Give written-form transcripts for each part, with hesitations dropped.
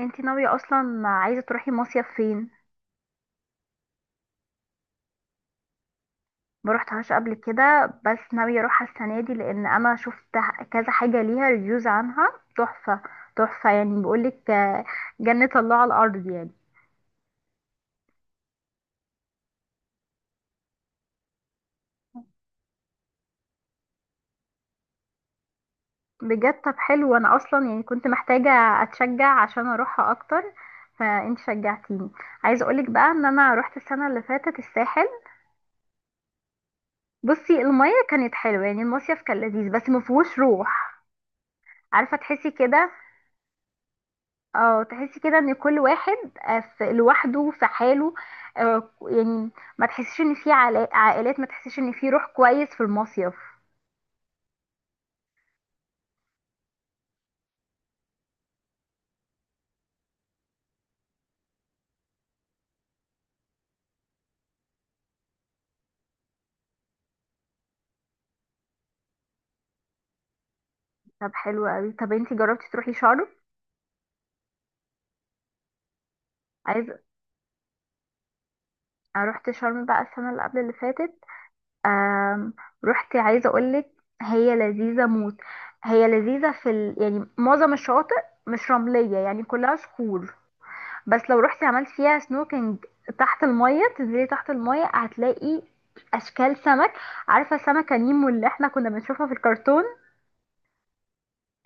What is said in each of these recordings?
انتي ناوية اصلا عايزة تروحي مصيف فين؟ ما روحتهاش قبل كده، بس ناوية اروحها السنة دي لان انا شفت كذا حاجة ليها ريفيوز عنها تحفة. تحفة، يعني بقولك، جنة الله على الارض يعني. بجد؟ طب حلو، انا اصلا يعني كنت محتاجة اتشجع عشان اروحها اكتر، فانت شجعتيني. عايزة اقولك بقى ان انا روحت السنة اللي فاتت الساحل. بصي، المية كانت حلوة يعني، المصيف كان لذيذ بس مفهوش روح. عارفة تحسي كده؟ اه تحسي كده ان كل واحد في لوحده، في حاله. يعني ما تحسيش ان في عائلات، ما تحسيش ان في روح كويس في المصيف. طب حلو قوي. طب انتي جربتي تروحي شرم؟ عايز أنا رحت شرم بقى السنه اللي قبل اللي فاتت. آم، رحت، عايزه اقولك هي لذيذه موت. هي لذيذه في يعني معظم الشواطئ مش رمليه يعني، كلها صخور. بس لو رحتي عملت فيها سنوكينج تحت المية، تنزلي تحت المية هتلاقي اشكال سمك. عارفة سمكة نيمو اللي احنا كنا بنشوفها في الكرتون؟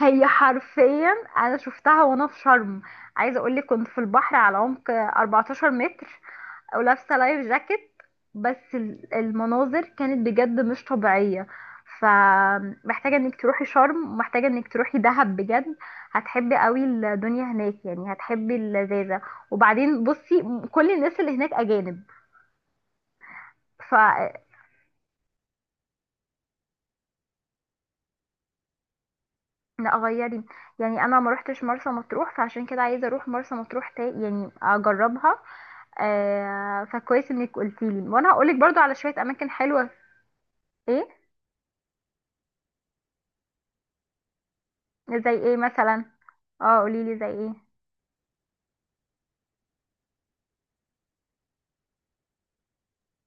هي حرفيا انا شفتها وانا في شرم. عايزة اقولك كنت في البحر على عمق 14 متر او لابسه لايف جاكيت. بس المناظر كانت بجد مش طبيعيه. فمحتاجه انك تروحي شرم ومحتاجه انك تروحي دهب بجد. هتحبي قوي الدنيا هناك يعني، هتحبي اللذاذه. وبعدين بصي، كل الناس اللي هناك اجانب. ف لا غيري، يعني انا ما روحتش مرسى مطروح، فعشان كده عايزه اروح مرسى مطروح تا يعني اجربها. آه، فكويس انك قلتيلي، وانا هقولك برضو على شويه اماكن حلوه. ايه؟ زي ايه مثلا. اه قوليلي زي ايه.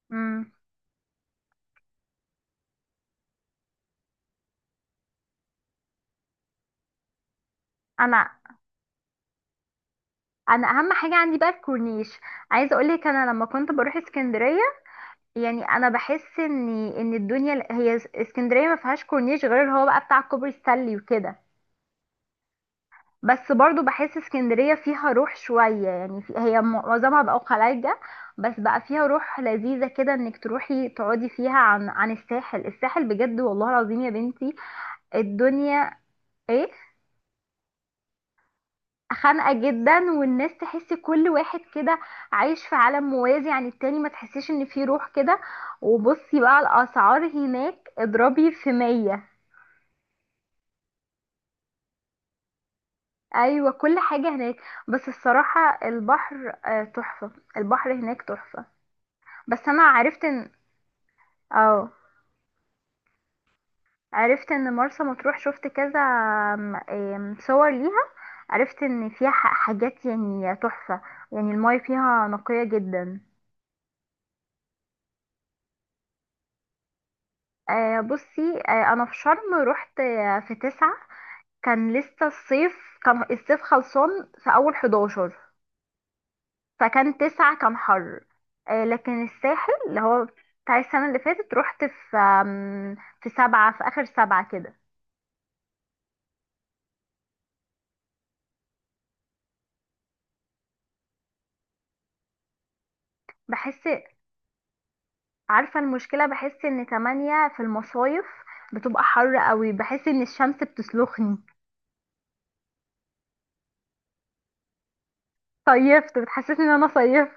مم. انا انا اهم حاجه عندي بقى الكورنيش. عايزه اقولك انا لما كنت بروح اسكندريه، يعني انا بحس ان الدنيا هي اسكندريه، ما فيهاش كورنيش غير اللي هو بقى بتاع كوبري ستانلي وكده. بس برضو بحس اسكندريه فيها روح شويه يعني، في هي معظمها بقى خلايجه، بس بقى فيها روح لذيذه كده، انك تروحي تقعدي فيها. عن الساحل بجد والله العظيم يا بنتي الدنيا. ايه؟ خانقة جدا، والناس تحس كل واحد كده عايش في عالم موازي عن التاني، ما تحسيش ان في روح كده. وبصي بقى، الاسعار هناك اضربي في مية. ايوه كل حاجة هناك. بس الصراحة البحر تحفة، البحر هناك تحفة. بس انا عرفت ان اه، عرفت ان مرسى مطروح شفت كذا آم، آم، صور ليها. عرفت ان فيها حاجات يعني تحفة، يعني المايه فيها نقية جدا. بصي، انا في شرم رحت في 9. كان لسه الصيف، كان الصيف خلصان في اول 11، فكان 9 كان حر. لكن الساحل، اللي هو بتاع السنة اللي فاتت، رحت في في 7، في اخر 7 كده. بحس، عارفة المشكلة؟ بحس ان 8 في المصايف بتبقى حر قوي، بحس ان الشمس بتسلخني. صيفت، بتحسسني ان انا صيفت.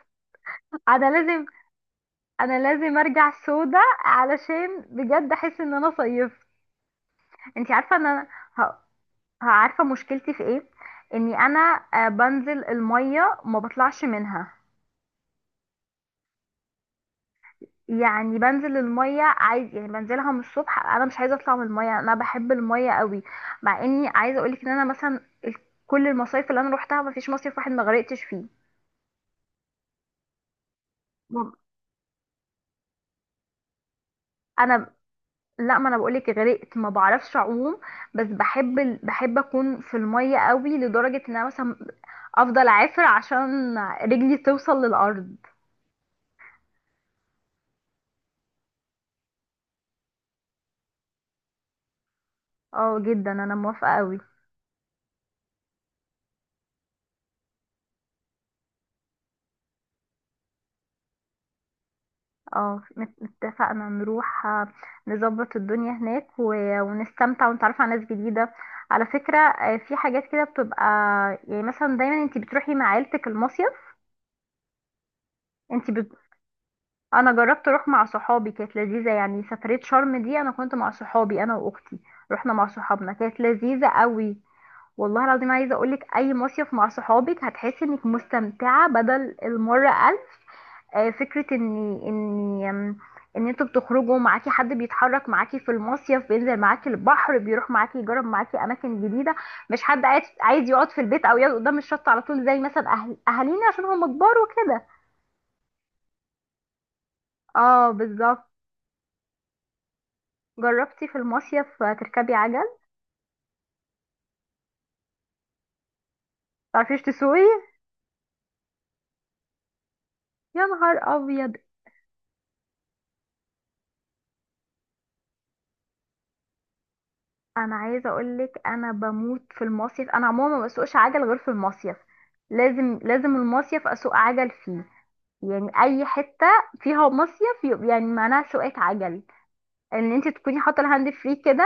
انا لازم انا لازم ارجع سودا علشان بجد احس ان انا صيفت. انت عارفه ان انا، ه- عارفه مشكلتي في ايه؟ اني انا بنزل الميه ما بطلعش منها. يعني بنزل الميه عادي، يعني بنزلها من الصبح، انا مش عايزه اطلع من الميه، انا بحب الميه قوي. مع اني عايزه اقولك ان انا مثلا، كل المصايف اللي انا روحتها ما فيش مصيف واحد ما غرقتش فيه. ما- انا لا، ما انا بقولك غرقت، ما بعرفش اعوم. بس بحب بحب اكون في الميه قوي، لدرجه ان انا مثلا افضل اعافر عشان رجلي توصل للارض. اه جدا، انا موافقة قوي. اه مت- اتفقنا نروح، نظبط الدنيا هناك ونستمتع ونتعرف على ناس جديدة. على فكرة، في حاجات كده بتبقى يعني، مثلا دايما انتي بتروحي مع عيلتك المصيف. انتي بت... انا جربت اروح مع صحابي، كانت لذيذة يعني، سفرية شرم دي انا كنت مع صحابي انا واختي، رحنا مع صحابنا كانت لذيذة قوي. والله العظيم عايزة اقولك، اي مصيف مع صحابك هتحسي انك مستمتعة بدل المرة 1000. فكرة ان ان انتوا بتخرجوا، معاكي حد بيتحرك معاكي في المصيف، بينزل معاكي البحر، بيروح معاكي، يجرب معاكي اماكن جديدة، مش حد قاعد عايز يقعد في البيت او يقعد قدام الشط على طول، زي مثلا اهالينا عشان هم كبار وكده. اه بالظبط. جربتي في المصيف تركبي عجل؟ متعرفيش تسوقي؟ يا نهار ابيض. انا عايزه اقولك، انا بموت في المصيف، انا عموما ما بسوقش عجل غير في المصيف. لازم المصيف اسوق عجل فيه. يعني اي حته فيها مصيف يبقى يعني معناها سواقه عجل، ان انت تكوني حاطه الهاند فري كده.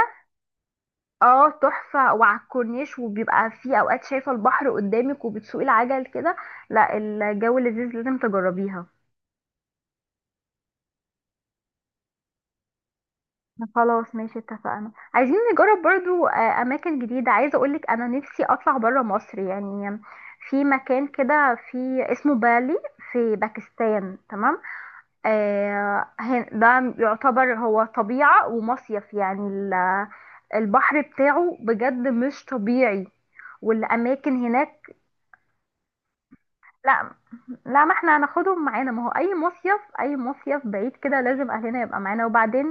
اه تحفه، وعلى الكورنيش وبيبقى في اوقات شايفه البحر قدامك وبتسوقي العجل كده. لا الجو لذيذ، لازم تجربيها. خلاص ماشي، اتفقنا. عايزين نجرب برضو اماكن جديده. عايزه اقولك، انا نفسي اطلع برا مصر يعني، في مكان كده في، اسمه بالي في باكستان. تمام، ده يعتبر هو طبيعة ومصيف يعني، البحر بتاعه بجد مش طبيعي، والأماكن هناك. لا، لا ما احنا هناخدهم معانا، ما هو أي مصيف، أي مصيف بعيد كده لازم أهلنا يبقى معانا. وبعدين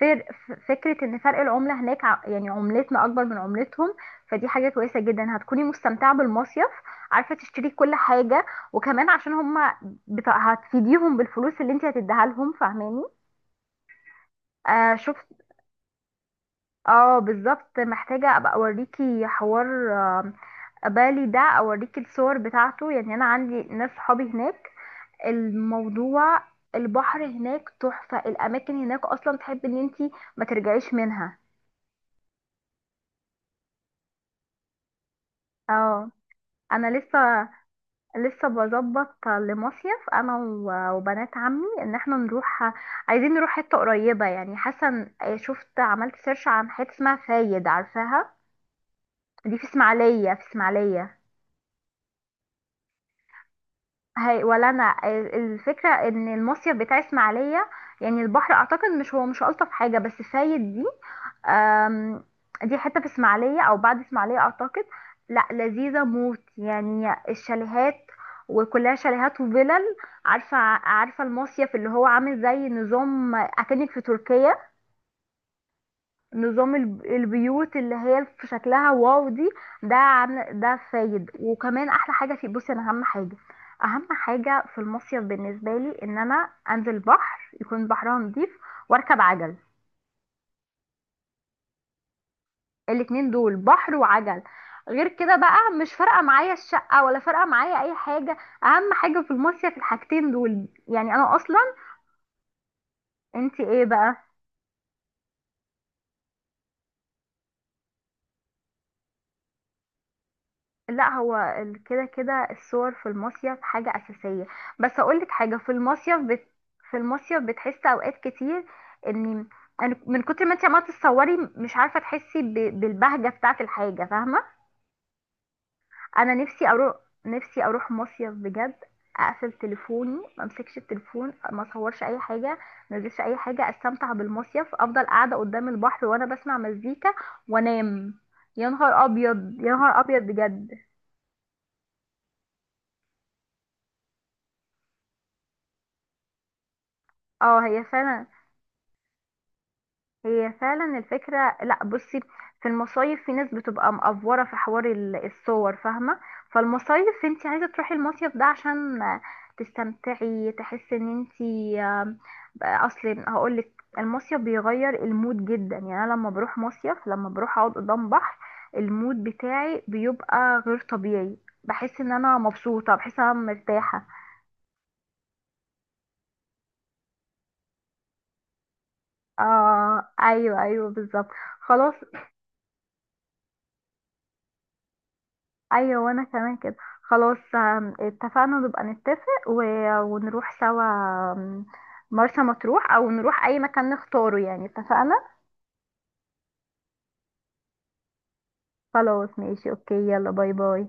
فكرة إن فرق العملة هناك، يعني عملتنا أكبر من عملتهم، فدي حاجة كويسة جدا، هتكوني مستمتعة بالمصيف، عارفة تشتري كل حاجة. وكمان عشان هما هتفيديهم بالفلوس اللي انت هتديها لهم، فاهماني؟ آه شفت. اه بالظبط، محتاجة ابقى اوريكي حوار. آه، بالي ده اوريكي الصور بتاعته يعني، انا عندي ناس صحابي هناك، الموضوع، البحر هناك تحفة، الاماكن هناك اصلا تحب ان انتي ما ترجعيش منها. اه، انا لسه، لسه بظبط لمصيف انا وبنات عمي، ان احنا نروح. عايزين نروح حتة قريبة يعني، حاسة شفت عملت سيرش عن حتة اسمها فايد، عارفاها؟ دي في اسماعيلية، في اسماعيلية. هي ولا انا، الفكره ان المصيف بتاع اسماعيليه، يعني البحر اعتقد، مش الطف حاجه، بس فايد دي آم، دي حته في اسماعيليه او بعد اسماعيليه اعتقد. لا لذيذه موت يعني، الشاليهات، وكلها شاليهات وفلل. عارفه المصيف اللي هو عامل زي نظام اكنك في تركيا؟ نظام البيوت اللي هي في شكلها واو دي. ده عن ده فايد، وكمان احلى حاجه في، بصي انا اهم حاجه، اهم حاجه في المصيف بالنسبه لي، ان انا انزل بحر يكون بحرها نضيف واركب عجل. الاتنين دول، بحر وعجل. غير كده بقى مش فارقه معايا الشقه، ولا فارقه معايا اي حاجه، اهم حاجه في المصيف الحاجتين دول. يعني انا اصلا، انت ايه بقى؟ لا هو كده كده الصور في المصيف حاجة أساسية. بس أقولك حاجة، في المصيف بت... في المصيف بتحس أوقات كتير إن، أنا من كتر ما انت عمالة تتصوري مش عارفة تحسي ب... بالبهجة بتاعة الحاجة، فاهمة؟ أنا نفسي أروح، نفسي أروح مصيف بجد، أقفل تليفوني ما أمسكش التليفون، ما أصورش أي حاجة، ما أنزلش أي حاجة، أستمتع بالمصيف، أفضل قاعدة قدام البحر وأنا بسمع مزيكا وأنام. يا نهار أبيض، يا نهار أبيض بجد. اه هي فعلا، هي فعلا الفكرة. لا بصي، في المصايف في ناس بتبقى مقفورة في حوار الصور، فاهمة؟ فالمصايف انت عايزة تروحي المصيف ده عشان تستمتعي، تحسي ان انت، آم، اصل هقولك، المصيف بيغير المود جدا يعني، انا لما بروح مصيف، لما بروح اقعد قدام بحر، المود بتاعي بيبقى غير طبيعي، بحس ان انا مبسوطة، بحس ان انا مرتاحة. اه ايوه، ايوه بالظبط. خلاص، ايوه وانا كمان كده. خلاص، اتفقنا، نبقى نتفق و... ونروح سوا، آم، مرسى مطروح، او نروح اي مكان نختاره يعني. اتفقنا. خلاص ماشي، اوكي، يلا باي باي.